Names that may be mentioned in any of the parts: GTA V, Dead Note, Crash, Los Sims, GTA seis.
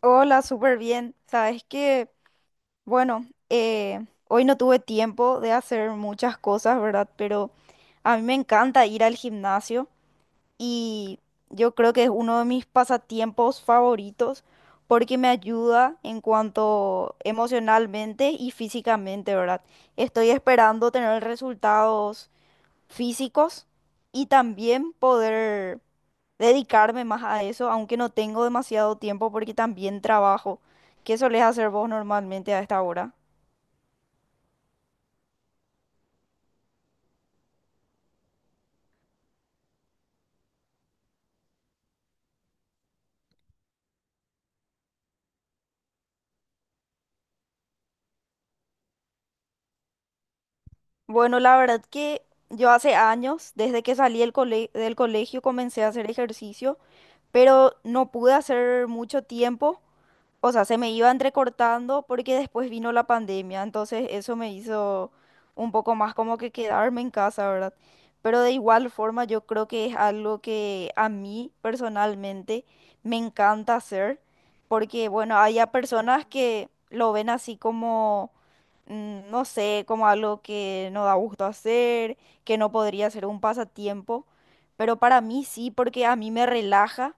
Hola, súper bien. Sabes que, bueno, hoy no tuve tiempo de hacer muchas cosas, ¿verdad? Pero a mí me encanta ir al gimnasio y yo creo que es uno de mis pasatiempos favoritos porque me ayuda en cuanto emocionalmente y físicamente, ¿verdad? Estoy esperando tener resultados físicos y también poder dedicarme más a eso, aunque no tengo demasiado tiempo porque también trabajo. ¿Qué solés hacer vos normalmente a esta hora? Bueno, la verdad que yo hace años, desde que salí del colegio, comencé a hacer ejercicio, pero no pude hacer mucho tiempo, o sea, se me iban recortando porque después vino la pandemia, entonces eso me hizo un poco más como que quedarme en casa, ¿verdad? Pero de igual forma yo creo que es algo que a mí personalmente me encanta hacer, porque bueno, hay a personas que lo ven así como, no sé, como algo que no da gusto hacer, que no podría ser un pasatiempo, pero para mí sí, porque a mí me relaja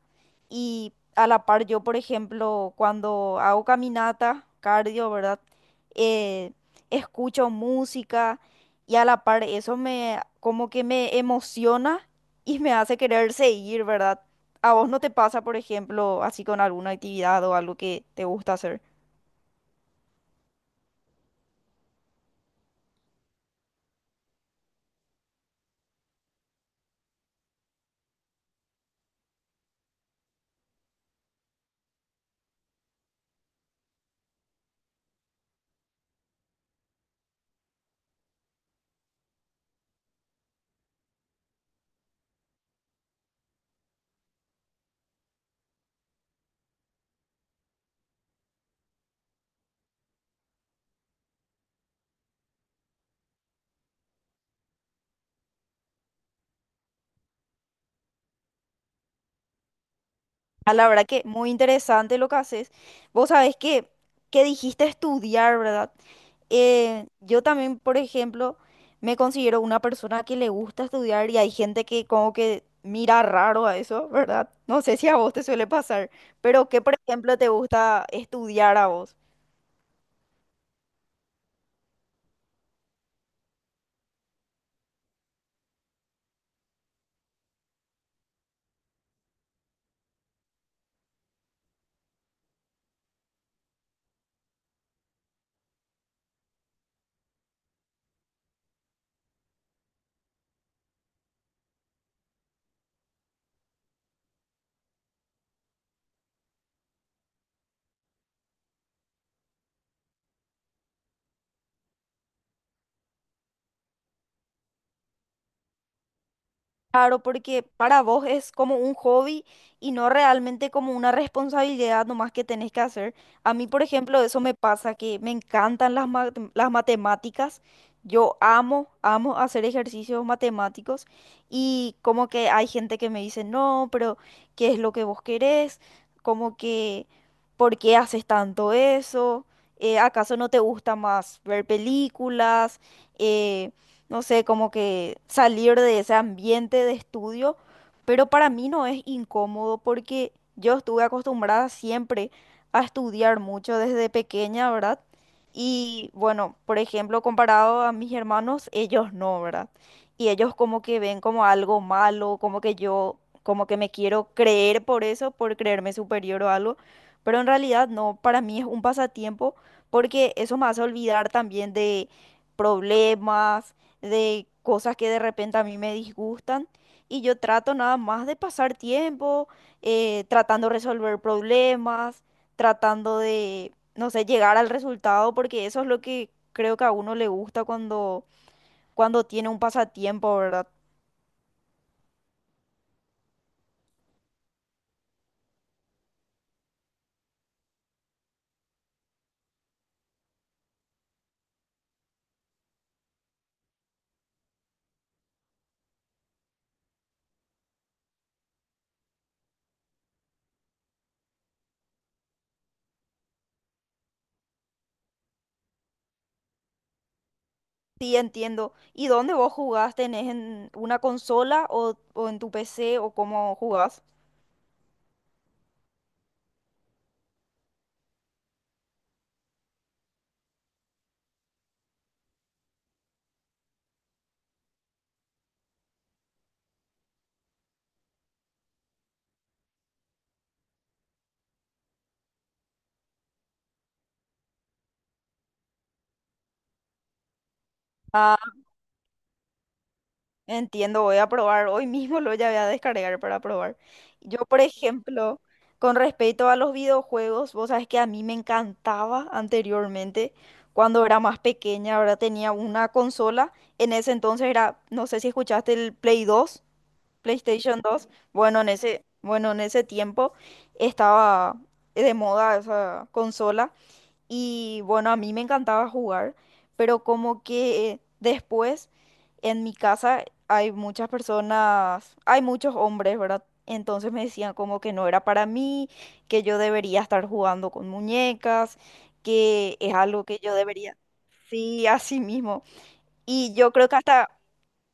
y a la par yo, por ejemplo, cuando hago caminata, cardio, ¿verdad? Eh, escucho música y a la par eso me como que me emociona y me hace querer seguir, ¿verdad? ¿A vos no te pasa, por ejemplo, así con alguna actividad o algo que te gusta hacer? Ah, la verdad que muy interesante lo que haces. Vos sabés que dijiste estudiar, ¿verdad? Yo también, por ejemplo, me considero una persona que le gusta estudiar y hay gente que como que mira raro a eso, ¿verdad? No sé si a vos te suele pasar, pero ¿qué, por ejemplo, te gusta estudiar a vos? Claro, porque para vos es como un hobby y no realmente como una responsabilidad nomás que tenés que hacer. A mí, por ejemplo, eso me pasa, que me encantan las matemáticas. Yo amo, amo hacer ejercicios matemáticos y como que hay gente que me dice, no, pero ¿qué es lo que vos querés? Como que, ¿por qué haces tanto eso? ¿Acaso no te gusta más ver películas? Eh, no sé, como que salir de ese ambiente de estudio, pero para mí no es incómodo porque yo estuve acostumbrada siempre a estudiar mucho desde pequeña, ¿verdad? Y bueno, por ejemplo, comparado a mis hermanos, ellos no, ¿verdad? Y ellos como que ven como algo malo, como que yo, como que me quiero creer por eso, por creerme superior o algo, pero en realidad no, para mí es un pasatiempo porque eso me hace olvidar también de problemas, de cosas que de repente a mí me disgustan y yo trato nada más de pasar tiempo, tratando de resolver problemas, tratando de, no sé, llegar al resultado porque eso es lo que creo que a uno le gusta cuando, cuando tiene un pasatiempo, ¿verdad? Sí, entiendo. ¿Y dónde vos jugás? ¿Tenés en una consola o en tu PC o cómo jugás? Entiendo, voy a probar. Hoy mismo lo ya voy a descargar para probar. Yo, por ejemplo, con respecto a los videojuegos, vos sabés que a mí me encantaba anteriormente, cuando era más pequeña, ahora tenía una consola. En ese entonces era, no sé si escuchaste el Play 2. PlayStation 2. Bueno, en ese tiempo estaba de moda esa consola. Y bueno, a mí me encantaba jugar, pero como que después en mi casa hay muchas personas, hay muchos hombres, ¿verdad? Entonces me decían como que no era para mí, que yo debería estar jugando con muñecas, que es algo que yo debería. Sí, así mismo. Y yo creo que hasta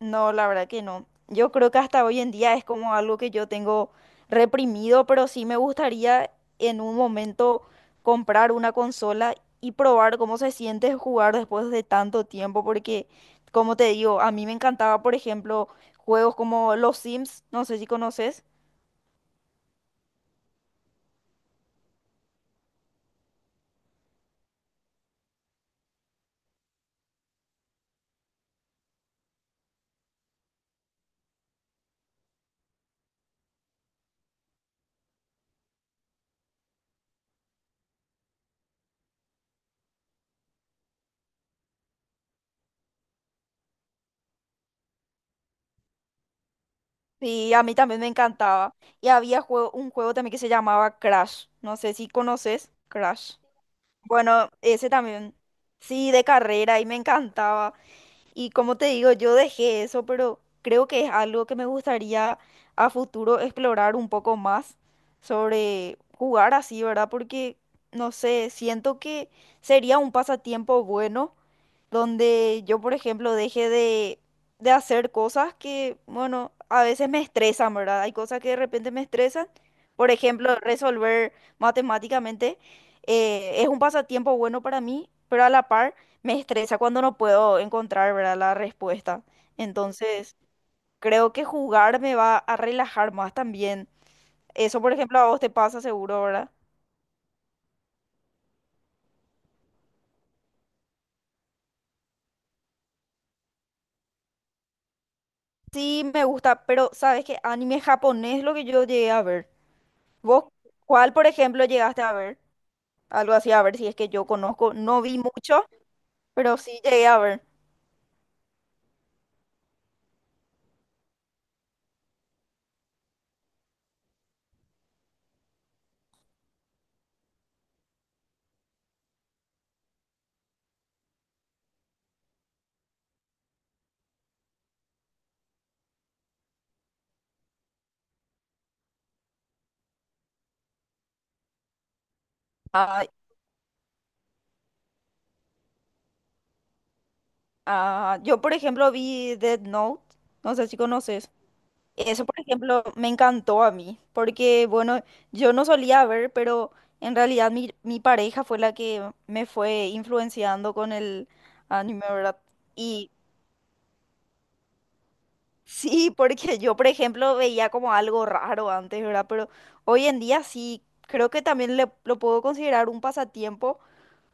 no, la verdad que no. Yo creo que hasta hoy en día es como algo que yo tengo reprimido, pero sí me gustaría en un momento comprar una consola y probar cómo se siente jugar después de tanto tiempo, porque como te digo, a mí me encantaba, por ejemplo, juegos como Los Sims, no sé si conoces. Sí, a mí también me encantaba. Y había juego, un juego también que se llamaba Crash, no sé si conoces Crash. Bueno, ese también. Sí, de carrera y me encantaba. Y como te digo, yo dejé eso, pero creo que es algo que me gustaría a futuro explorar un poco más sobre jugar así, ¿verdad? Porque, no sé, siento que sería un pasatiempo bueno donde yo, por ejemplo, deje de hacer cosas que, bueno, a veces me estresan, ¿verdad? Hay cosas que de repente me estresan. Por ejemplo, resolver matemáticamente, es un pasatiempo bueno para mí, pero a la par me estresa cuando no puedo encontrar, ¿verdad?, la respuesta. Entonces, creo que jugar me va a relajar más también. Eso, por ejemplo, a vos te pasa seguro, ¿verdad? Sí, me gusta, pero sabes que anime japonés es lo que yo llegué a ver. ¿Vos cuál, por ejemplo, llegaste a ver? Algo así, a ver si es que yo conozco, no vi mucho, pero sí llegué a ver. Ah, ah, yo, por ejemplo, vi Dead Note, no sé si conoces. Eso, por ejemplo, me encantó a mí, porque, bueno, yo no solía ver, pero en realidad mi pareja fue la que me fue influenciando con el anime, ¿verdad? Y sí, porque yo, por ejemplo, veía como algo raro antes, ¿verdad? Pero hoy en día sí, creo que también lo puedo considerar un pasatiempo,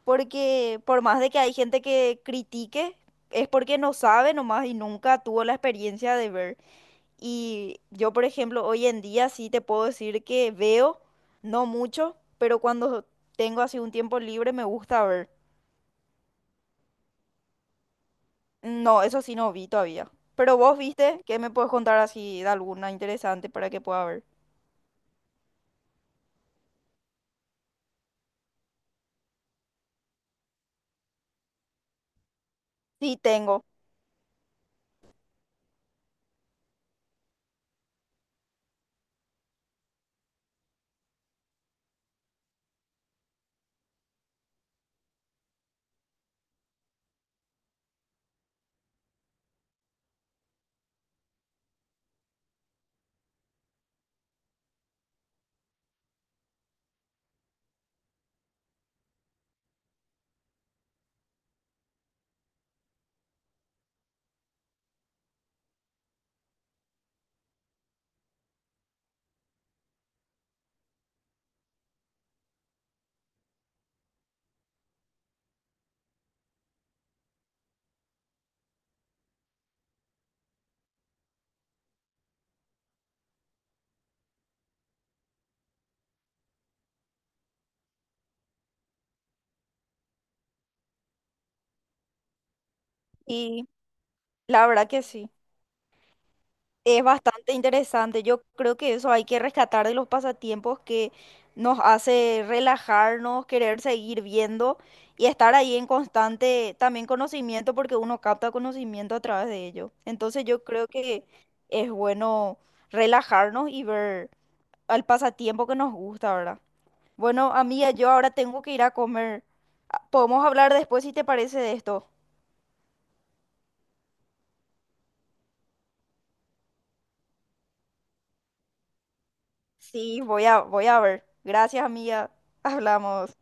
porque por más de que hay gente que critique, es porque no sabe nomás y nunca tuvo la experiencia de ver. Y yo, por ejemplo, hoy en día sí te puedo decir que veo, no mucho, pero cuando tengo así un tiempo libre me gusta ver. No, eso sí no vi todavía. Pero vos viste, ¿qué me puedes contar así de alguna interesante para que pueda ver? Sí, tengo. Y la verdad que sí. Es bastante interesante. Yo creo que eso hay que rescatar de los pasatiempos que nos hace relajarnos, querer seguir viendo y estar ahí en constante también conocimiento porque uno capta conocimiento a través de ello. Entonces yo creo que es bueno relajarnos y ver al pasatiempo que nos gusta, ¿verdad? Bueno, amiga, yo ahora tengo que ir a comer. Ah, podemos hablar después si te parece de esto. Sí, voy a ver. Gracias, amiga. Hablamos.